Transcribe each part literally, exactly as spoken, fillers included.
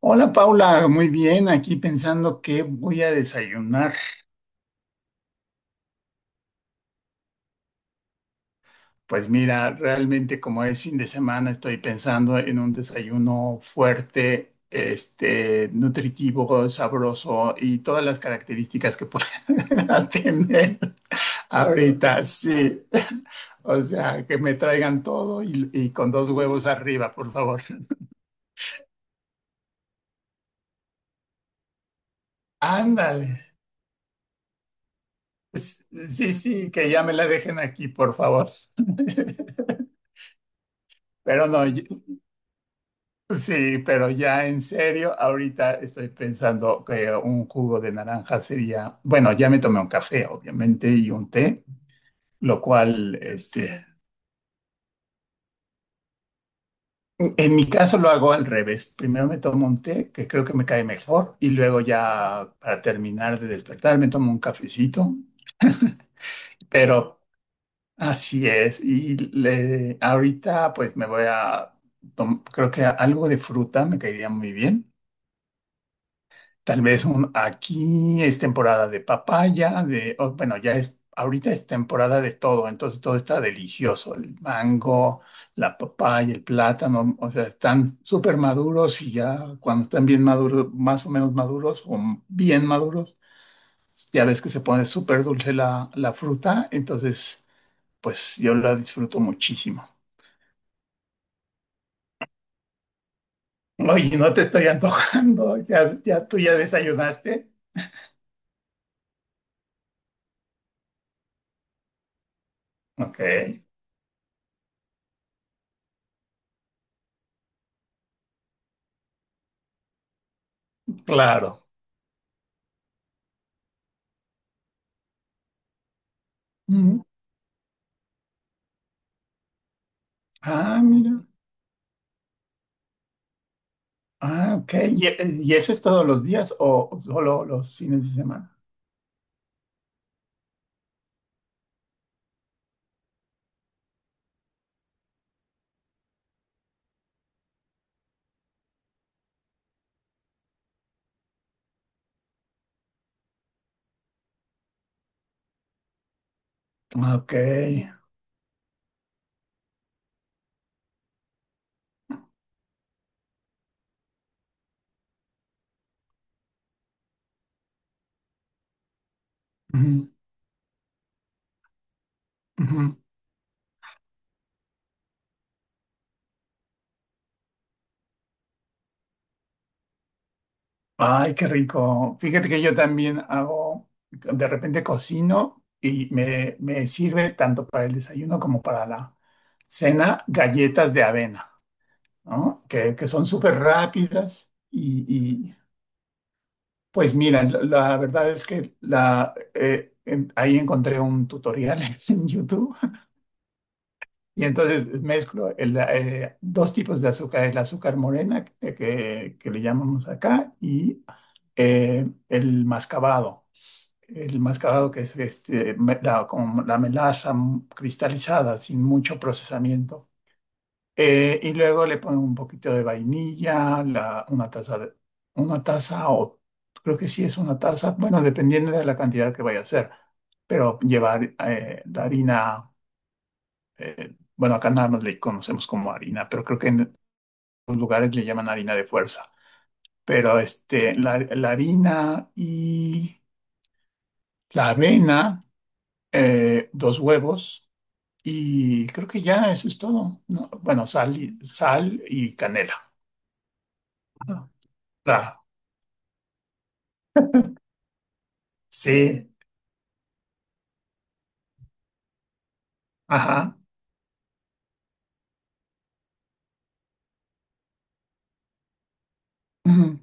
Hola Paula, muy bien, aquí pensando qué voy a desayunar. Pues mira, realmente como es fin de semana, estoy pensando en un desayuno fuerte, este, nutritivo, sabroso y todas las características que pueda tener ahorita, sí. O sea, que me traigan todo y, y con dos huevos arriba, por favor. Ándale. Sí, sí, que ya me la dejen aquí, por favor. Pero no, yo- Sí, pero ya en serio, ahorita estoy pensando que un jugo de naranja sería, bueno, ya me tomé un café, obviamente, y un té, lo cual, este, en mi caso lo hago al revés. Primero me tomo un té, que creo que me cae mejor, y luego ya para terminar de despertar me tomo un cafecito, pero así es. Y le- ahorita pues me voy a, tom- creo que algo de fruta me caería muy bien. Tal vez un, aquí es temporada de papaya, de, o, bueno, ya es, ahorita es temporada de todo, entonces todo está delicioso, el mango, la papaya, el plátano, o sea, están súper maduros y ya cuando están bien maduros, más o menos maduros o bien maduros, ya ves que se pone súper dulce la, la fruta, entonces pues yo la disfruto muchísimo. Oye, no te estoy antojando, ya, ya tú ya desayunaste. Ok, claro. Mm. Ah, mira. Ah, ok. ¿Y, y eso es todos los días o solo los fines de semana? Ah, ok. Ujú, ujú. Ay, qué rico. Fíjate que yo también hago, de repente cocino y me, me sirve tanto para el desayuno como para la cena galletas de avena, ¿no? Que, que son súper rápidas y, y, pues mira, la, la verdad es que la, eh, en- ahí encontré un tutorial en YouTube. Y entonces mezclo el, eh, dos tipos de azúcar, el azúcar morena, que, que- que le llamamos acá, y eh, el mascabado. El mascabado que es este, me- la, como la melaza cristalizada, sin mucho procesamiento. Eh, y luego le pongo un poquito de vainilla, la- una taza, de- una taza o creo que sí es una taza, bueno, dependiendo de la cantidad que vaya a hacer, pero llevar eh, la harina eh, bueno, acá nada más le conocemos como harina, pero creo que en otros lugares le llaman harina de fuerza. Pero este, la, la harina y la avena, eh, dos huevos y creo que ya eso es todo, ¿no? Bueno, sal y, sal y canela. Ah, la, sí, ajá. Ujú,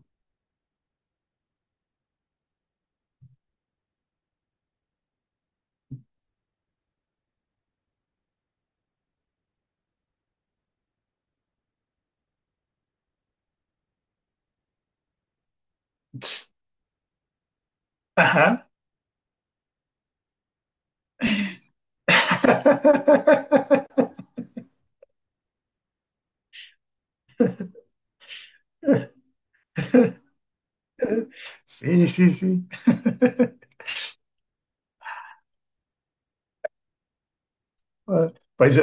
ajá. Sí, sí, sí. Pues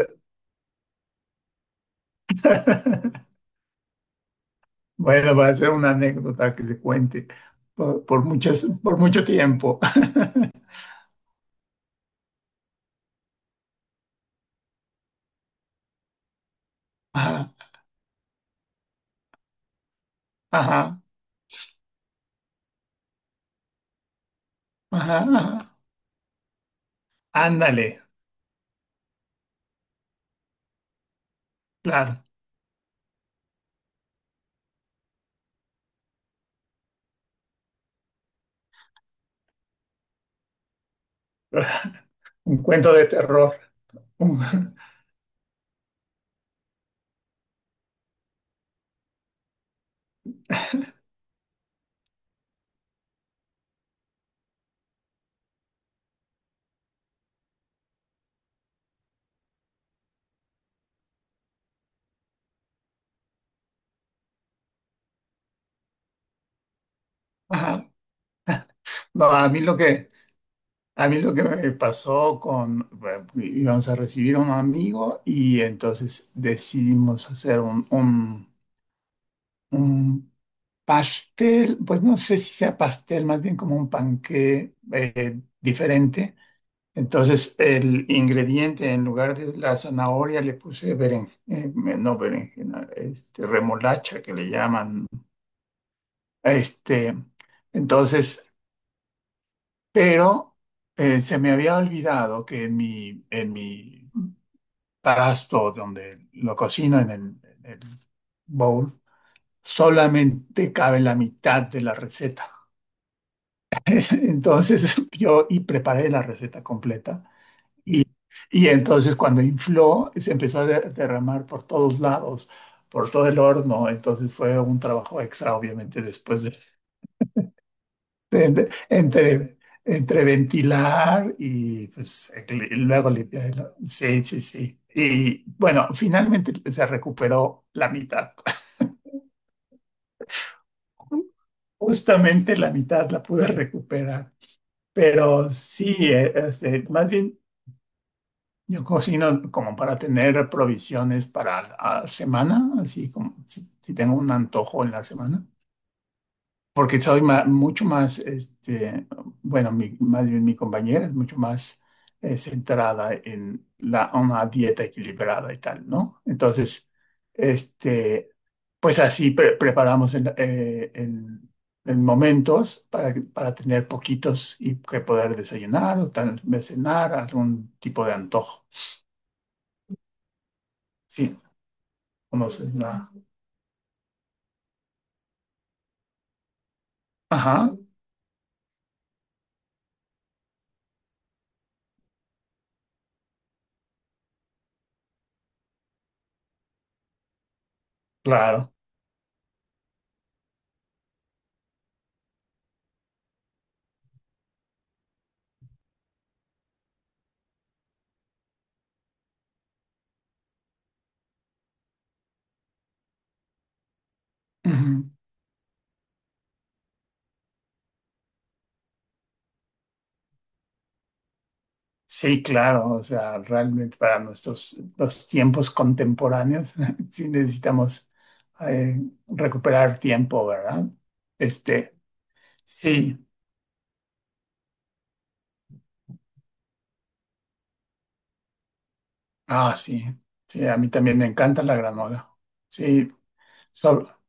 bueno, va a ser una anécdota que se cuente por, por muchas, por mucho tiempo. Ajá, ajá, ajá, ajá. Ándale, claro. Un cuento de terror. Un- ajá. No, a mí lo que, a mí lo que me pasó con, bueno, íbamos a recibir a un amigo y entonces decidimos hacer un, un, un pastel, pues no sé si sea pastel, más bien como un panqué eh, diferente. Entonces, el ingrediente, en lugar de la zanahoria, le puse beren, eh, no berenjena, este, remolacha que le llaman. Este, entonces, pero eh, se me había olvidado que en mi, en mi pasto donde lo cocino en el, en el bowl, solamente cabe la mitad de la receta. Entonces, yo y preparé la receta completa. Y, y entonces cuando infló, se empezó a de- derramar por todos lados, por todo el horno. Entonces fue un trabajo extra, obviamente, después de, de- entre, entre ventilar y pues, li- luego limpiar. El- sí, sí, sí. Y bueno, finalmente se recuperó la mitad. Justamente la mitad la pude recuperar. Pero sí, eh, este, más bien yo cocino como para tener provisiones para la semana, así como si, si tengo un antojo en la semana, porque soy ma- mucho más, este, bueno, mi, más bien mi compañera es mucho más eh, centrada en la, una dieta equilibrada y tal, ¿no? Entonces, este, pues así pre- preparamos el, eh, el- el momentos para, que- para tener poquitos y que poder desayunar o tal vez cenar, algún tipo de antojo. Sí. Conoces nada. Ajá, claro. Ujú. Sí, claro, o sea, realmente para nuestros los tiempos contemporáneos sí necesitamos eh, recuperar tiempo, ¿verdad? Este, sí, ah, sí, sí, a mí también me encanta la granola. Sí, solo,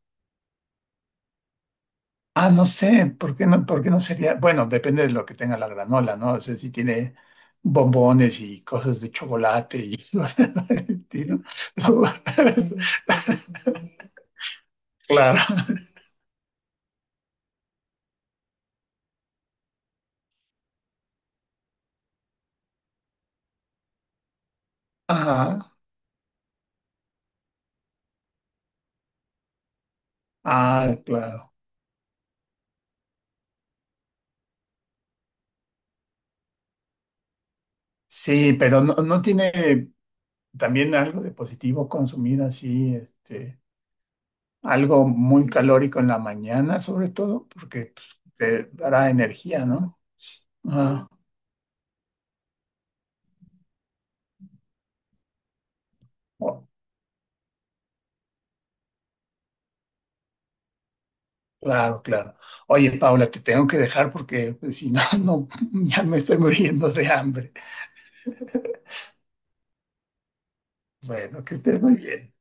ah, no sé, ¿por qué no, por qué no sería? Bueno, depende de lo que tenga la granola, ¿no? O sea, si tiene bombones y cosas de chocolate y cosas por el estilo. No, claro. Ajá. Ah, claro. Sí, pero no, no tiene también algo de positivo consumir así, este, algo muy calórico en la mañana, sobre todo, porque pues, te dará energía, ¿no? Ah, oh, claro, claro. Oye, Paula, te tengo que dejar porque pues, si no, no, ya me estoy muriendo de hambre. Bueno, que estés muy bien.